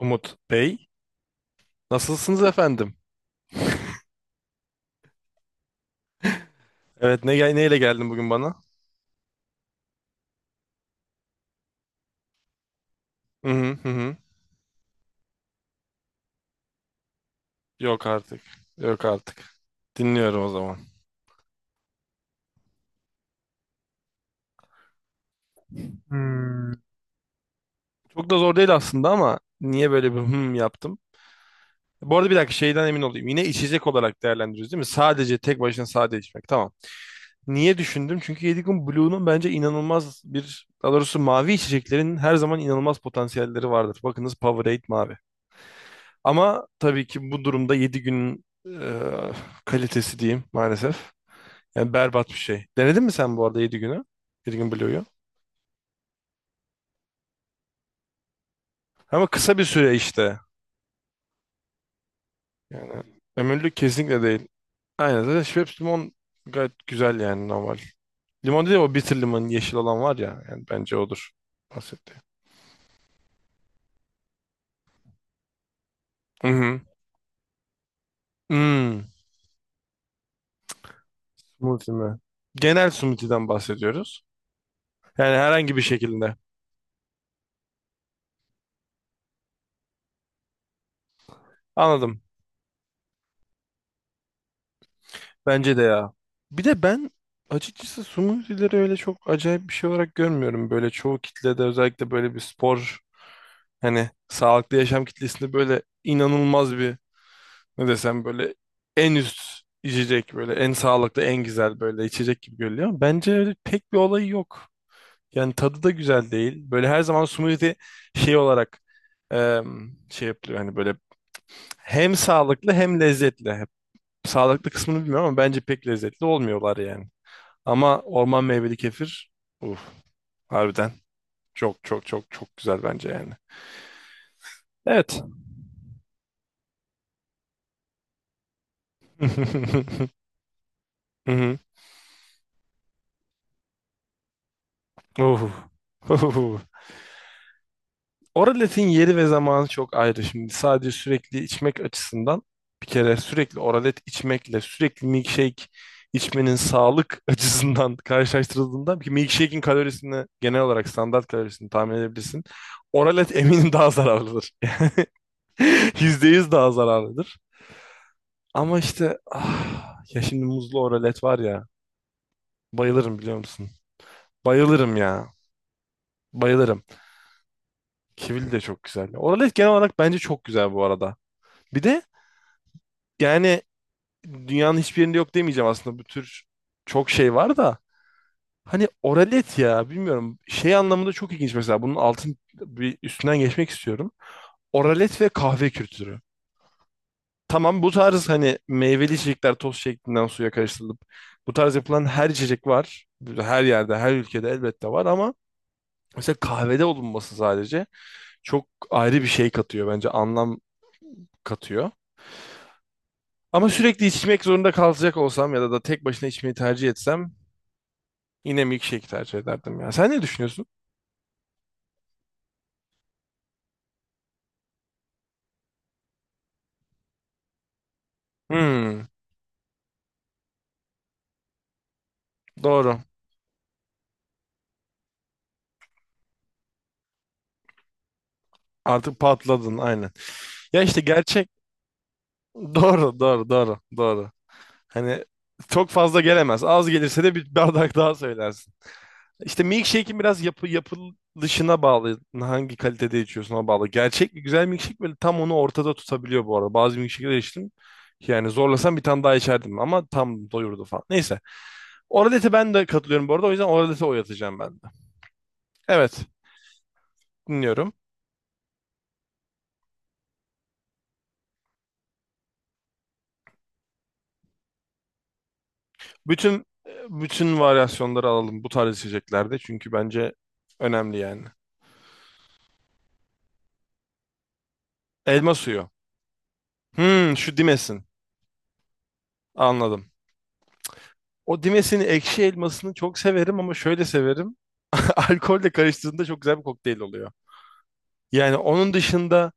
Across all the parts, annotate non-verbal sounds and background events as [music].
Umut Bey. Nasılsınız efendim? Evet neyle geldin bugün bana? Hı hı hı. Hı. Yok artık. Yok artık. Dinliyorum o zaman. Hmm. Çok da zor değil aslında ama niye böyle bir hım yaptım? Bu arada bir dakika şeyden emin olayım. Yine içecek olarak değerlendiriyoruz değil mi? Sadece tek başına sade içmek. Tamam. Niye düşündüm? Çünkü Yedigun Blue'nun bence inanılmaz bir... Daha doğrusu mavi içeceklerin her zaman inanılmaz potansiyelleri vardır. Bakınız Powerade mavi. Ama tabii ki bu durumda 7 günün kalitesi diyeyim maalesef. Yani berbat bir şey. Denedin mi sen bu arada 7 günü? 7 gün bloğu. Ama kısa bir süre işte. Yani ömürlük kesinlikle değil. Aynen zaten Schweppes limon gayet güzel yani normal. Limon değil, o bitter limon, yeşil olan var ya. Yani bence odur bahsettiğim. Hı hı. Hmm, Smoothie mi? Genel smoothie'den bahsediyoruz. Yani herhangi bir şekilde. Anladım. Bence de ya. Bir de ben açıkçası smoothie'leri öyle çok acayip bir şey olarak görmüyorum. Böyle çoğu kitlede, özellikle böyle bir spor, hani sağlıklı yaşam kitlesinde, böyle inanılmaz bir, ne desem, böyle en üst içecek, böyle en sağlıklı en güzel böyle içecek gibi görülüyor. Ama bence öyle pek bir olayı yok. Yani tadı da güzel değil. Böyle her zaman smoothie şey olarak, şey yapılıyor, hani böyle hem sağlıklı hem lezzetli. Sağlıklı kısmını bilmiyorum ama bence pek lezzetli olmuyorlar yani. Ama orman meyveli kefir, uf, harbiden çok çok çok çok güzel bence yani. Evet. [laughs] Hı hı. Uhu. Uhu. Oraletin yeri ve zamanı çok ayrı. Şimdi sadece sürekli içmek açısından, bir kere sürekli oralet içmekle sürekli milkshake içmenin sağlık açısından [laughs] karşılaştırıldığında, bir milkshake'in kalorisini, genel olarak standart kalorisini tahmin edebilirsin. Oralet [laughs] eminim daha zararlıdır. [laughs] %100 daha zararlıdır. Ama işte ya şimdi muzlu oralet var ya. Bayılırım, biliyor musun? Bayılırım ya. Bayılırım. Kivili de çok güzel. Oralet genel olarak bence çok güzel bu arada. Bir de yani dünyanın hiçbir yerinde yok demeyeceğim aslında. Bu tür çok şey var da. Hani oralet, ya bilmiyorum. Şey anlamında çok ilginç mesela. Bunun altın bir üstünden geçmek istiyorum. Oralet ve kahve kültürü. Tamam, bu tarz hani meyveli içecekler toz şeklinden suya karıştırılıp, bu tarz yapılan her içecek var. Her yerde, her ülkede elbette var ama mesela kahvede olunması sadece çok ayrı bir şey katıyor, bence anlam katıyor. Ama sürekli içmek zorunda kalacak olsam ya da tek başına içmeyi tercih etsem, yine milkshake tercih ederdim ya. Sen ne düşünüyorsun? Hmm, doğru. Artık patladın, aynen. Ya işte gerçek. [laughs] Doğru doğru doğru doğru. Hani çok fazla gelemez. Az gelirse de bir bardak daha söylersin. İşte milkshake'in biraz yapılışına bağlı. Hangi kalitede içiyorsun, ona bağlı. Gerçek bir güzel milkshake böyle tam onu ortada tutabiliyor bu arada. Bazı milkshake'ler içtim. Yani zorlasam bir tane daha içerdim ama tam doyurdu falan. Neyse. Oralete ben de katılıyorum bu arada. O yüzden oralete oy atacağım ben de. Evet. Dinliyorum. Bütün bütün varyasyonları alalım bu tarz içeceklerde. Çünkü bence önemli yani. Elma suyu. Şu dimesin. Anladım. O Dimes'in ekşi elmasını çok severim ama şöyle severim. [laughs] Alkolle karıştığında çok güzel bir kokteyl oluyor. Yani onun dışında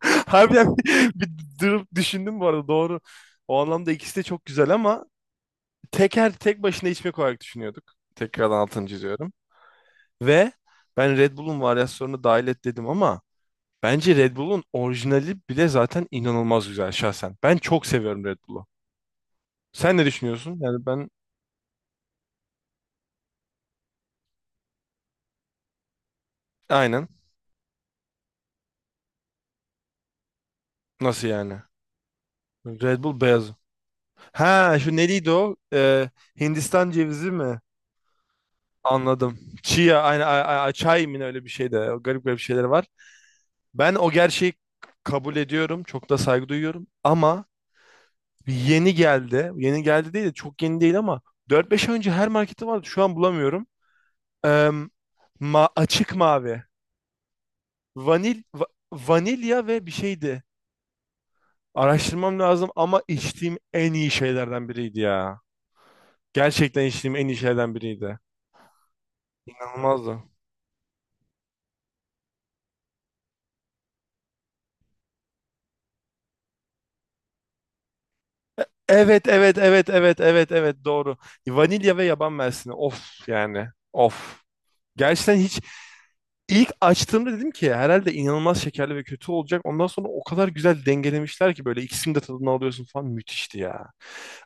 [laughs] harbiden bir durup düşündüm bu arada, doğru. O anlamda ikisi de çok güzel ama tek başına içmek olarak düşünüyorduk. Tekrardan altını çiziyorum. Ve ben Red Bull'un varyasyonunu dahil et dedim ama bence Red Bull'un orijinali bile zaten inanılmaz güzel şahsen. Ben çok seviyorum Red Bull'u. Sen ne düşünüyorsun? Yani ben, aynen. Nasıl yani? Red Bull beyaz. Ha, şu neydi o? Hindistan cevizi mi? Anladım. Chia aynı, çay mı ne öyle bir şey de, o garip garip şeyler var. Ben o gerçeği kabul ediyorum. Çok da saygı duyuyorum. Ama yeni geldi. Yeni geldi değil de, çok yeni değil ama 4-5 ay önce her markette vardı. Şu an bulamıyorum. Ee, ma açık mavi. Vanilya ve bir şeydi. Araştırmam lazım ama içtiğim en iyi şeylerden biriydi ya. Gerçekten içtiğim en iyi şeylerden biriydi. İnanılmazdı. Evet evet evet evet evet evet, doğru. Vanilya ve yaban mersini. Of yani. Of. Gerçekten hiç, ilk açtığımda dedim ki herhalde inanılmaz şekerli ve kötü olacak. Ondan sonra o kadar güzel dengelemişler ki, böyle ikisini de tadını alıyorsun falan, müthişti ya.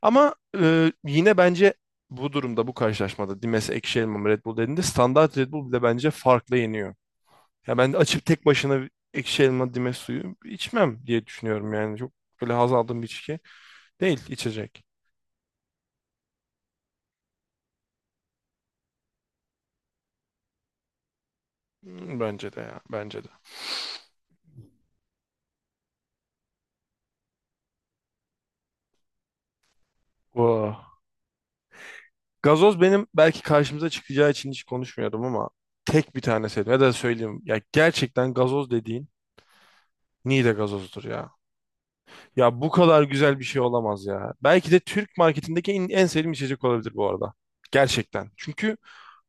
Ama yine bence bu durumda, bu karşılaşmada, Dimes ekşi elma Red Bull dediğinde, standart Red Bull bile bence farklı yeniyor. Ya ben açıp tek başına ekşi elma Dimes suyu içmem diye düşünüyorum yani. Çok böyle haz aldığım bir içki değil, içecek. Hmm, bence de ya. Bence de. Vah. Gazoz benim, belki karşımıza çıkacağı için hiç konuşmuyordum ama tek bir tane sevdim. Ya da söyleyeyim. Ya gerçekten gazoz dediğin Niğde gazozdur ya. Ya bu kadar güzel bir şey olamaz ya. Belki de Türk marketindeki en sevdiğim içecek olabilir bu arada. Gerçekten. Çünkü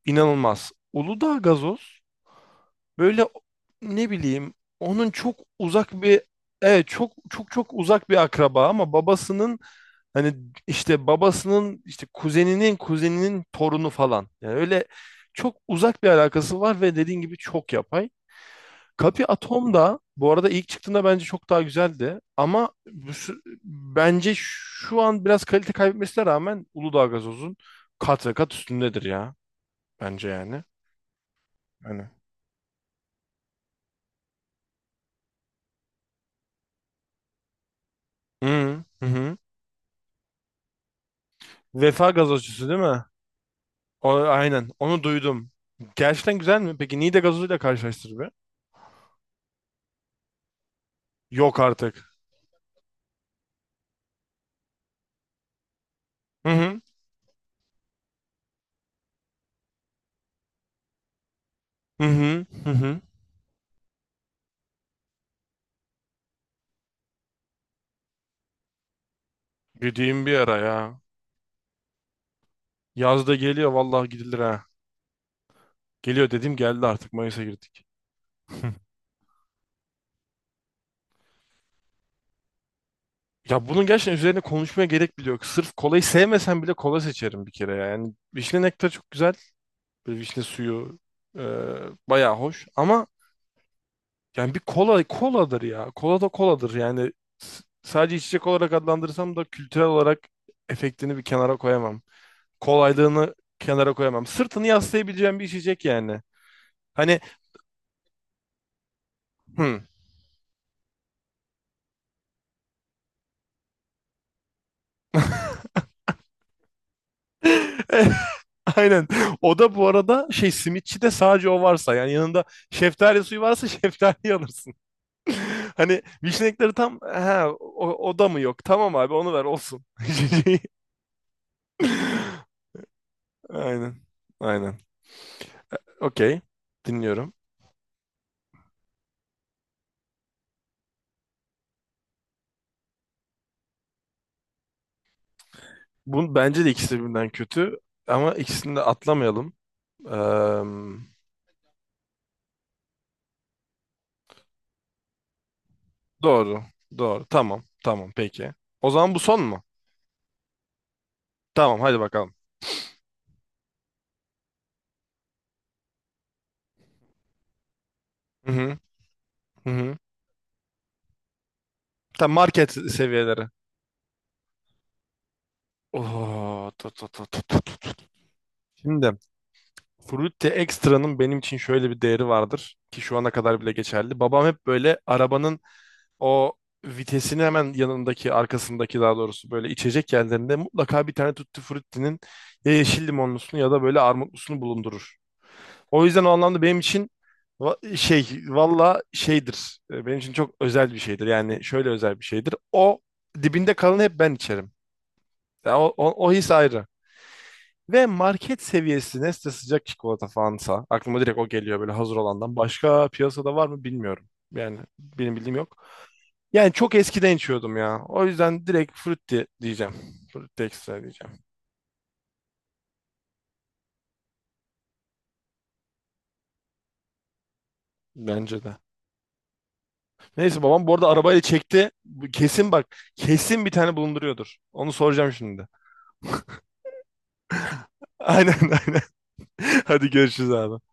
inanılmaz. Uludağ gazoz böyle, ne bileyim, onun çok uzak bir, evet, çok çok çok uzak bir akraba, ama babasının. Hani işte babasının, işte kuzeninin kuzeninin torunu falan. Yani öyle çok uzak bir alakası var ve dediğin gibi çok yapay. Kapi Atom da bu arada ilk çıktığında bence çok daha güzeldi. Ama bence şu an biraz kalite kaybetmesine rağmen Uludağ Gazoz'un kat ve kat üstündedir ya. Bence yani. Yani. Hı hı. Hı. Vefa gazozcusu değil mi? O, aynen. Onu duydum. Gerçekten güzel mi? Peki Niğde gazozuyla karşılaştır be. Yok artık. Hı hı. Hı hı hı hı. Gideyim bir ara ya. Yaz da geliyor vallahi, gidilir ha. Geliyor dedim, geldi artık, Mayıs'a girdik. Ya bunun gerçekten üzerine konuşmaya gerek bile yok. Sırf kolayı sevmesem bile kola seçerim bir kere ya. Yani vişne nektarı çok güzel. Böyle vişne suyu, e, bayağı hoş. Ama yani bir kola koladır ya. Kola da koladır yani. Sadece içecek olarak adlandırsam da, kültürel olarak efektini bir kenara koyamam. Kolaylığını kenara koyamam. Sırtını yaslayabileceğim bir içecek yani. Hani, hmm. [laughs] [laughs] Aynen. O da bu arada, şey, simitçi de sadece o varsa yani, yanında şeftali suyu varsa, [laughs] şeftali alırsın. [laughs] Hani vişnekleri tam, ha, o da mı yok? Tamam abi, onu ver olsun. [laughs] Aynen. Aynen. Okey. Dinliyorum. Bu bence de ikisi birbirinden kötü ama ikisini de atlamayalım. Eee, doğru. Doğru. Tamam. Tamam. Peki. O zaman bu son mu? Tamam. Hadi bakalım. Hı hı. Hı hı. Tam market seviyeleri. Oo, tut, tut, tut, tut. Şimdi Fruity Extra'nın benim için şöyle bir değeri vardır ki şu ana kadar bile geçerli. Babam hep böyle arabanın o vitesini hemen yanındaki, arkasındaki daha doğrusu, böyle içecek yerlerinde mutlaka bir tane Tutti Frutti'nin ya yeşil limonlusunu ya da böyle armutlusunu bulundurur. O yüzden o anlamda benim için, şey, valla şeydir. Benim için çok özel bir şeydir. Yani şöyle özel bir şeydir. O dibinde kalanı hep ben içerim. Ya o his ayrı. Ve market seviyesi Nestle sıcak çikolata falansa aklıma direkt o geliyor böyle, hazır olandan. Başka piyasada var mı bilmiyorum. Yani benim bildiğim yok. Yani çok eskiden içiyordum ya. O yüzden direkt Frutti diyeceğim. Frutti Extra diyeceğim. Bence de. Neyse, babam bu arada arabayla çekti. Bu kesin bak. Kesin bir tane bulunduruyordur. Onu soracağım şimdi. [laughs] Aynen aynen. Hadi görüşürüz abi.